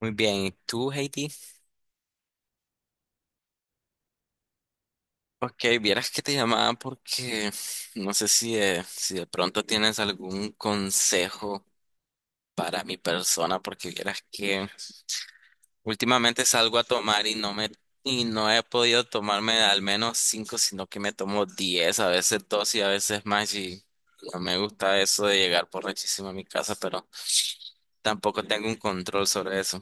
Muy bien, ¿y tú, Heidi? Ok, vieras que te llamaba porque no sé si de pronto tienes algún consejo para mi persona, porque vieras que últimamente salgo a tomar y no he podido tomarme al menos cinco, sino que me tomo 10, a veces dos y a veces más y no me gusta eso de llegar borrachísimo a mi casa, pero tampoco tengo un control sobre eso.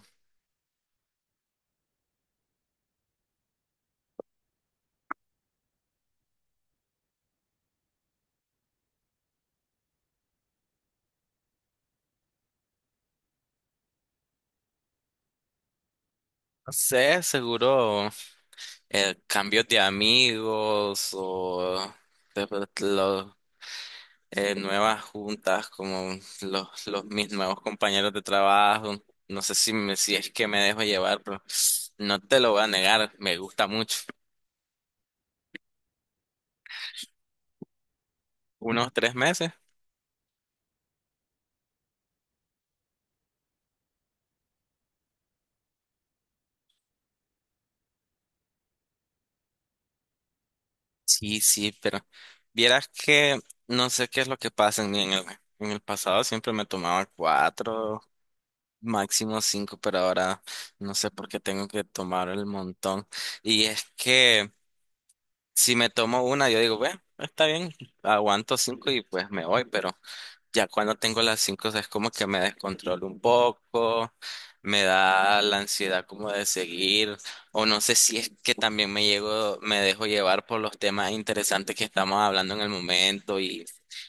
No sé, seguro. Cambios de amigos o de- de- lo- nuevas juntas, como los mis nuevos compañeros de trabajo. No sé si, si es que me dejo llevar, pero no te lo voy a negar, me gusta mucho. Unos 3 meses. Sí, sí, pero vieras que no sé qué es lo que pasa en mí. en el, pasado siempre me tomaba cuatro, máximo cinco, pero ahora no sé por qué tengo que tomar el montón. Y es que si me tomo una, yo digo, bueno, está bien, aguanto cinco y pues me voy, pero ya cuando tengo las cinco es como que me descontrolo un poco, me da la ansiedad como de seguir, o no sé si es que también me dejo llevar por los temas interesantes que estamos hablando en el momento y,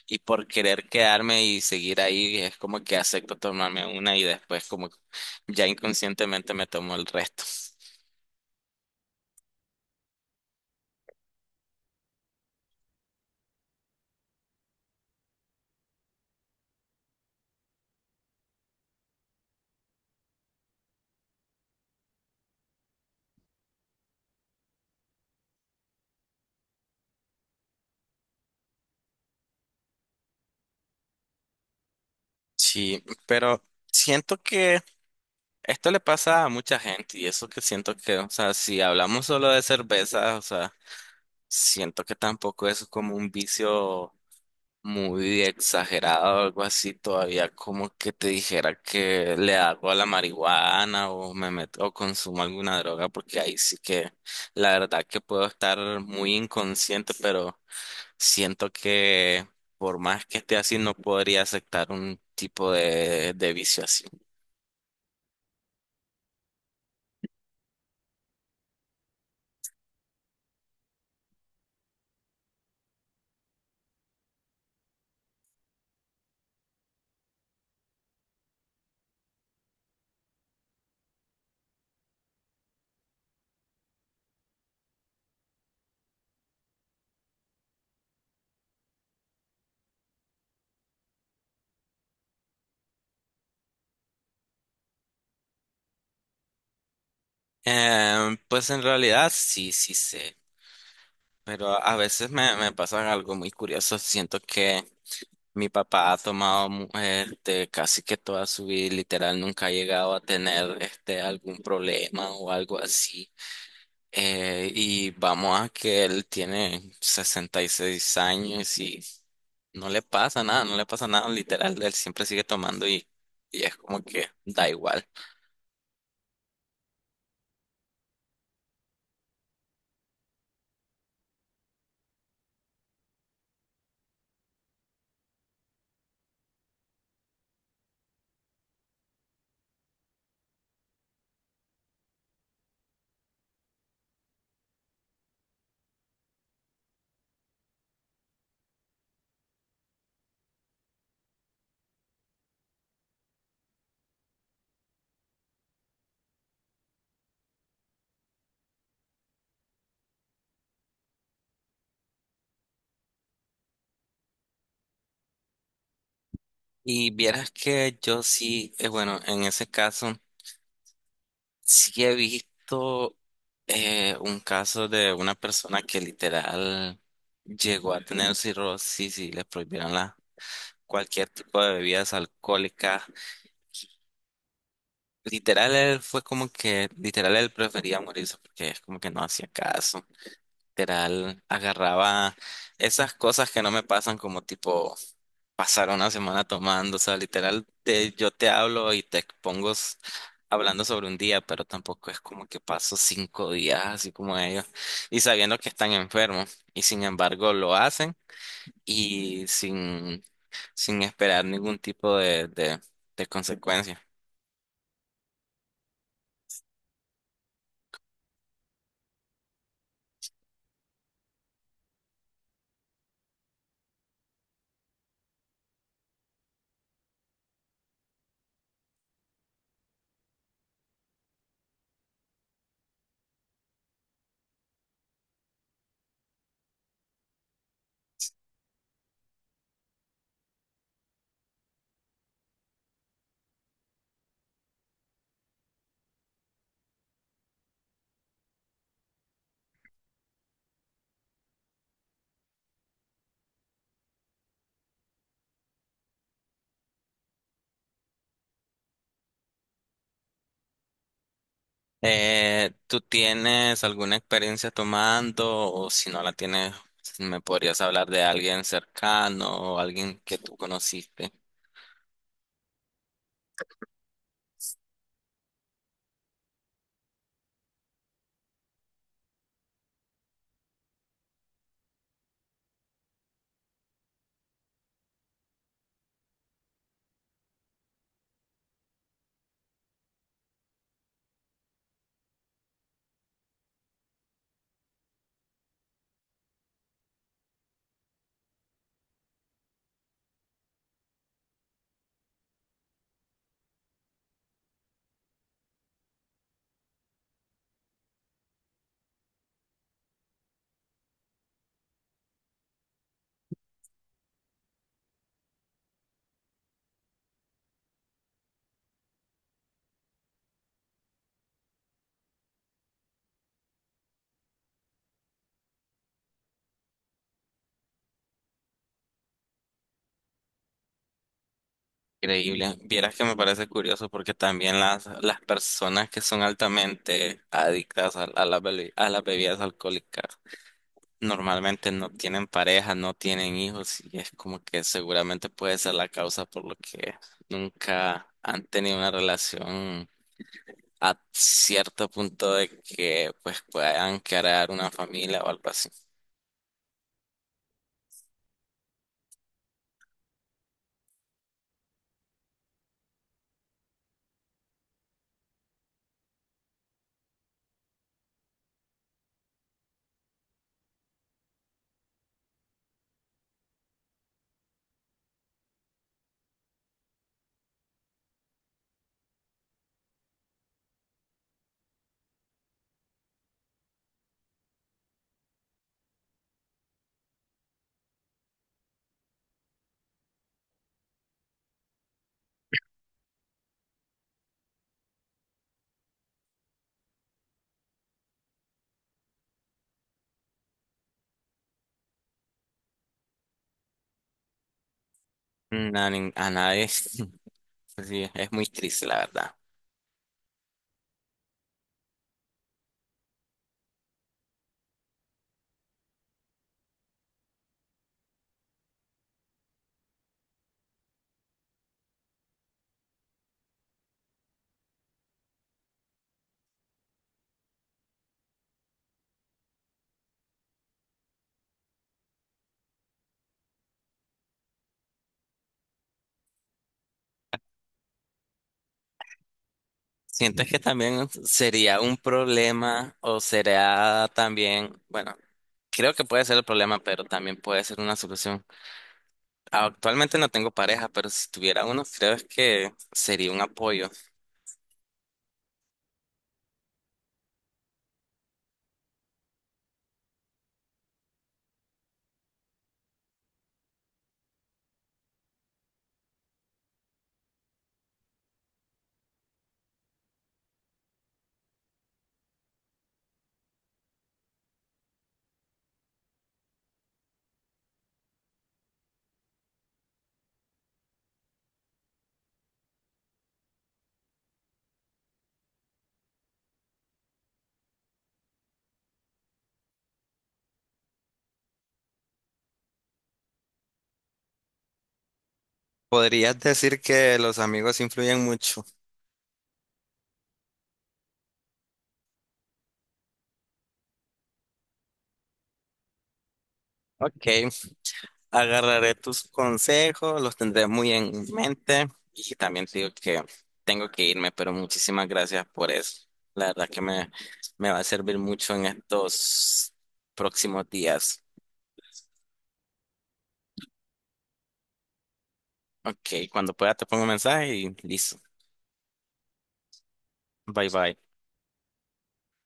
y por querer quedarme y seguir ahí, es como que acepto tomarme una y después como ya inconscientemente me tomo el resto. Sí, pero siento que esto le pasa a mucha gente y eso que siento que, o sea, si hablamos solo de cerveza, o sea, siento que tampoco es como un vicio muy exagerado o algo así, todavía como que te dijera que le hago a la marihuana o me meto o consumo alguna droga, porque ahí sí que la verdad que puedo estar muy inconsciente, pero siento que por más que esté así no podría aceptar un tipo de, vicio así. Pues en realidad sí, sí sé, pero a veces me pasa algo muy curioso. Siento que mi papá ha tomado casi que toda su vida, y literal, nunca ha llegado a tener algún problema o algo así. Y vamos a que él tiene 66 años y no le pasa nada, no le pasa nada, literal, él siempre sigue tomando y es como que da igual. Y vieras que yo sí, bueno, en ese caso. Sí he visto un caso de una persona que literal llegó a tener cirrosis y le prohibieron la, cualquier tipo de bebidas alcohólicas. Literal, él fue como que, literal, él prefería morirse porque es como que no hacía caso. Literal, agarraba esas cosas que no me pasan como tipo pasar una semana tomando, o sea, literal, yo te hablo y te expongo hablando sobre un día, pero tampoco es como que paso 5 días así como ellos y sabiendo que están enfermos y sin embargo lo hacen y sin esperar ningún tipo de, consecuencia. ¿tú tienes alguna experiencia tomando o si no la tienes, me podrías hablar de alguien cercano o alguien que tú conociste? Increíble. Vieras que me parece curioso porque también las personas que son altamente adictas a las bebidas alcohólicas normalmente no tienen pareja, no tienen hijos y es como que seguramente puede ser la causa por lo que nunca han tenido una relación a cierto punto de que pues puedan crear una familia o algo así. A nadie. Sí, es muy triste la verdad. ¿Sientes que también sería un problema o será también, bueno, creo que puede ser el problema, pero también puede ser una solución? Actualmente no tengo pareja, pero si tuviera uno, creo que sería un apoyo. Podrías decir que los amigos influyen mucho. Ok, agarraré tus consejos, los tendré muy en mente y también te digo que tengo que irme, pero muchísimas gracias por eso. La verdad que me va a servir mucho en estos próximos días. Ok, cuando pueda te pongo un mensaje y listo. Bye bye.